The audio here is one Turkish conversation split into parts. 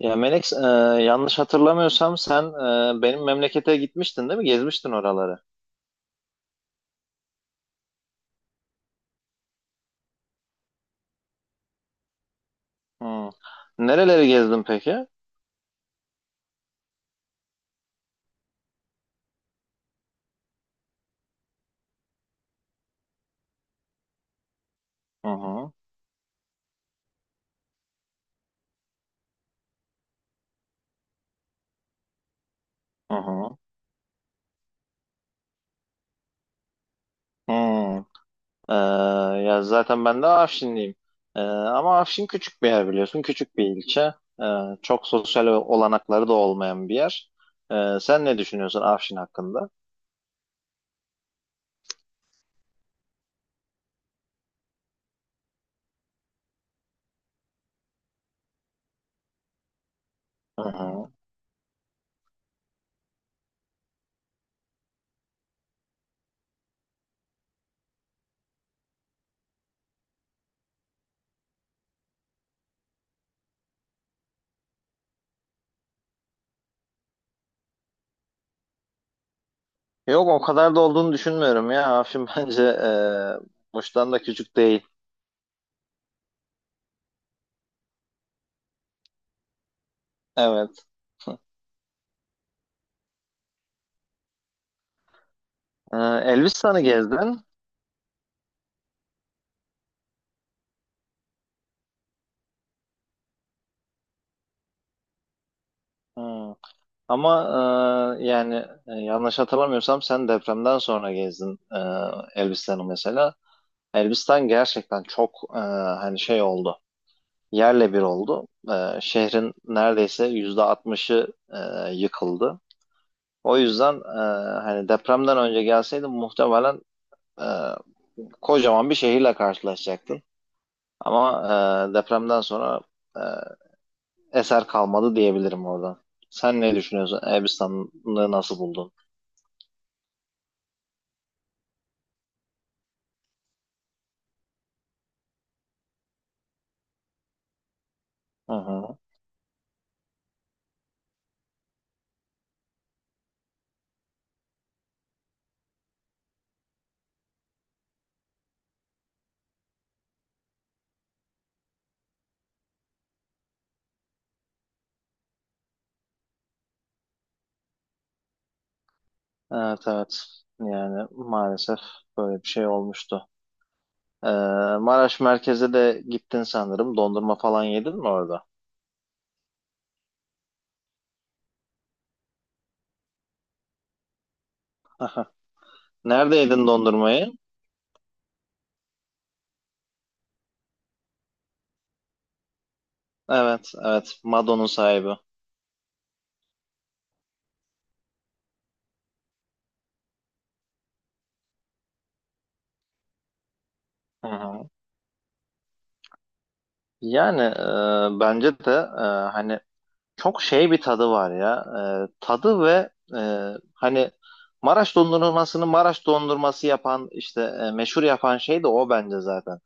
Ya Melek, yanlış hatırlamıyorsam sen benim memlekete gitmiştin değil mi? Gezmiştin oraları. Hı. Nereleri gezdin peki? Hı hı, hı hı, hı. E, Ya zaten ben de Afşinliyim. Ama Afşin küçük bir yer biliyorsun, küçük bir ilçe. E, Çok sosyal olanakları da olmayan bir yer. Sen ne düşünüyorsun Afşin hakkında? Hı hı. Yok o kadar da olduğunu düşünmüyorum ya. Afşin bence Muş'tan da küçük değil. Evet. Elbistan'ı gezdin. Hı. Ama yani yanlış hatırlamıyorsam sen depremden sonra gezdin Elbistan'ı mesela. Elbistan gerçekten çok hani şey oldu. Yerle bir oldu. Şehrin neredeyse %60'ı yıkıldı. O yüzden hani depremden önce gelseydin muhtemelen e, kocaman bir şehirle karşılaşacaktın. Ama depremden sonra eser kalmadı diyebilirim oradan. Sen ne düşünüyorsun? Elbistan'ı nasıl buldun? Hı hı. Evet, evet. Yani maalesef böyle bir şey olmuştu. Ee, Maraş merkeze de gittin sanırım. Dondurma falan yedin mi orada? Nerede yedin dondurmayı? Evet, evet. Mado'nun sahibi. Hı hı. Yani bence de hani çok şey bir tadı var ya. Tadı ve hani Maraş dondurmasını Maraş dondurması yapan işte meşhur yapan şey de o bence zaten.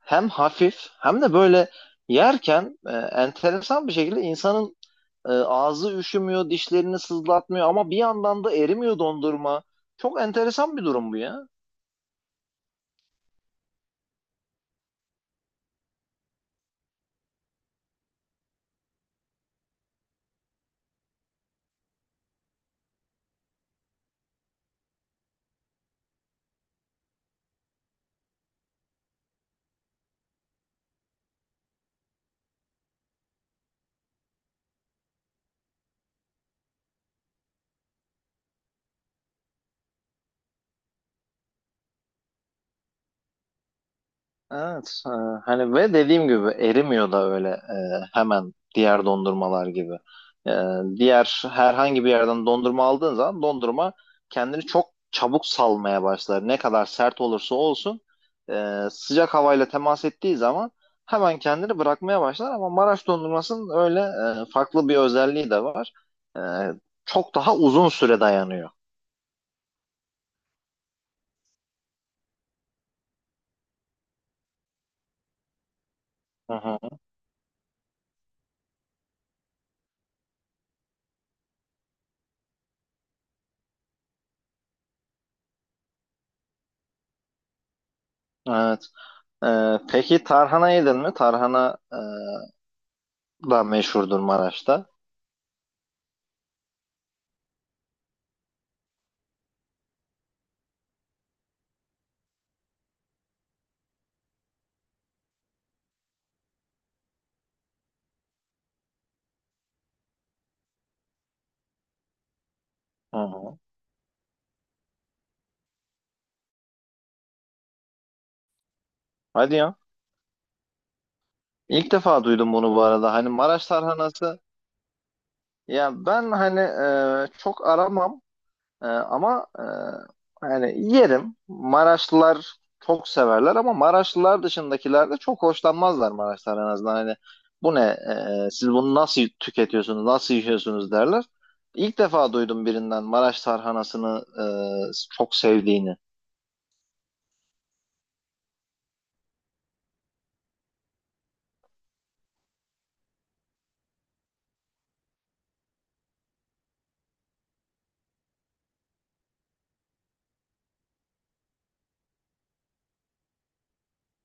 Hem hafif hem de böyle yerken enteresan bir şekilde insanın ağzı üşümüyor, dişlerini sızlatmıyor ama bir yandan da erimiyor dondurma. Çok enteresan bir durum bu ya. Evet, hani ve dediğim gibi erimiyor da öyle hemen diğer dondurmalar gibi. E, Diğer herhangi bir yerden dondurma aldığın zaman dondurma kendini çok çabuk salmaya başlar. Ne kadar sert olursa olsun sıcak havayla temas ettiği zaman hemen kendini bırakmaya başlar. Ama Maraş dondurmasının öyle farklı bir özelliği de var. E, Çok daha uzun süre dayanıyor. Hı hı, evet. Peki tarhana yedin mi? Tarhana da meşhurdur Maraş'ta. Hı hı. Hadi ya. İlk defa duydum bunu bu arada. Hani Maraş tarhanası, ya ben hani çok aramam. Ama hani yerim. Maraşlılar çok severler ama Maraşlılar dışındakiler de çok hoşlanmazlar Maraş tarhanasından. Hani bu ne? Siz bunu nasıl tüketiyorsunuz? Nasıl yiyorsunuz derler. İlk defa duydum birinden Maraş tarhanasını çok sevdiğini.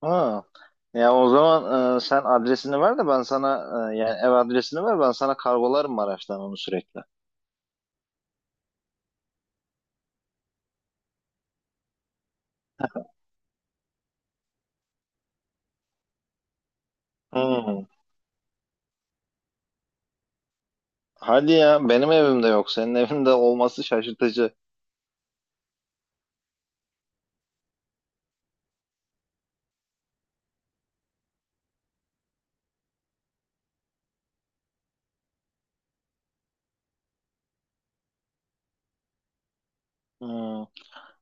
Ha. Ya o zaman sen adresini ver de ben sana yani ev adresini ver, ben sana kargolarım Maraş'tan onu sürekli. Hmm. Hadi ya, benim evimde yok, senin evinde olması şaşırtıcı. Hmm.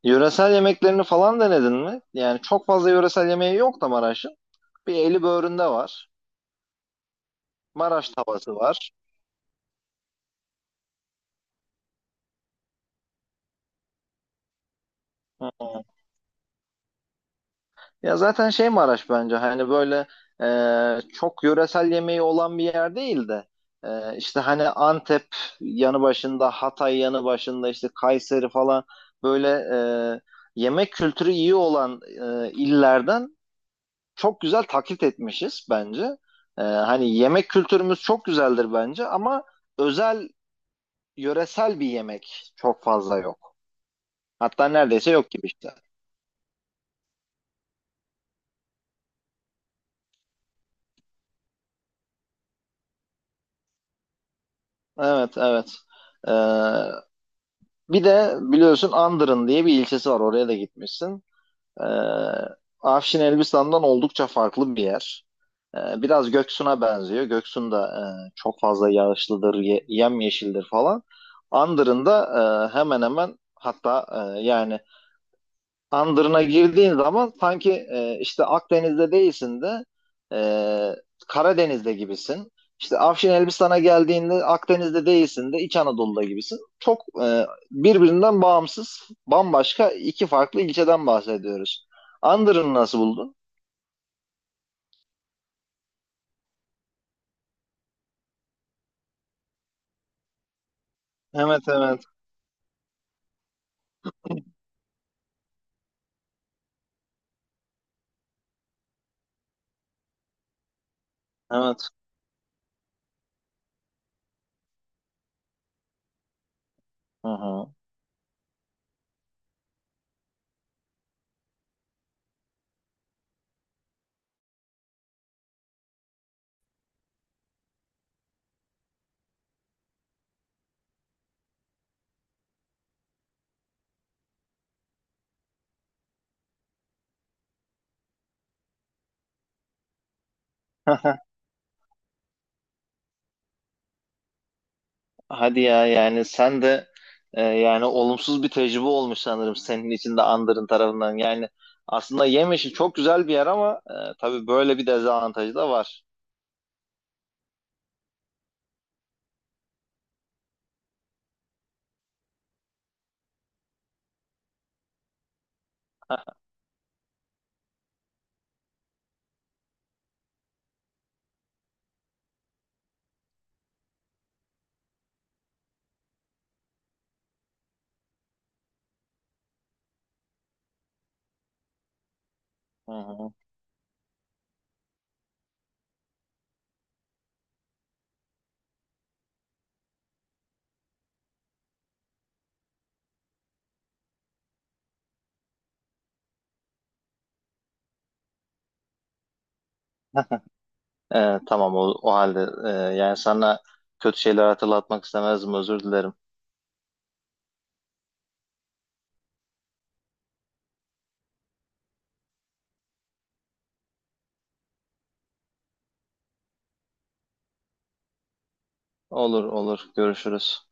Yöresel yemeklerini falan denedin mi? Yani çok fazla yöresel yemeği yok da Maraş'ın. Bir eli böğründe var. Maraş tavası var. Hmm. Ya zaten şey, Maraş bence hani böyle çok yöresel yemeği olan bir yer değil de işte hani Antep yanı başında, Hatay yanı başında, işte Kayseri falan, böyle e, yemek kültürü iyi olan illerden çok güzel taklit etmişiz bence. Hani yemek kültürümüz çok güzeldir bence ama özel yöresel bir yemek çok fazla yok. Hatta neredeyse yok gibi işte. Evet, evet. Ee, Bir de biliyorsun Andırın diye bir ilçesi var. Oraya da gitmişsin. Ee, Afşin Elbistan'dan oldukça farklı bir yer. Biraz Göksun'a benziyor. Göksun da çok fazla yağışlıdır, yemyeşildir falan. Andırın da hemen hemen, hatta yani Andırına girdiğin zaman sanki işte Akdeniz'de değilsin de e, Karadeniz'de gibisin. İşte Afşin Elbistan'a geldiğinde Akdeniz'de değilsin de İç Anadolu'da gibisin. Çok birbirinden bağımsız, bambaşka iki farklı ilçeden bahsediyoruz. Andırını nasıl buldun? Evet, evet, evet. Hı hı. Hadi ya, yani sen de yani olumsuz bir tecrübe olmuş sanırım senin için de Andır'ın tarafından. Yani aslında yem işi çok güzel bir yer ama tabii böyle bir dezavantajı da var. Hı hı. Tamam, o halde yani sana kötü şeyler hatırlatmak istemezdim, özür dilerim. Olur, olur, görüşürüz.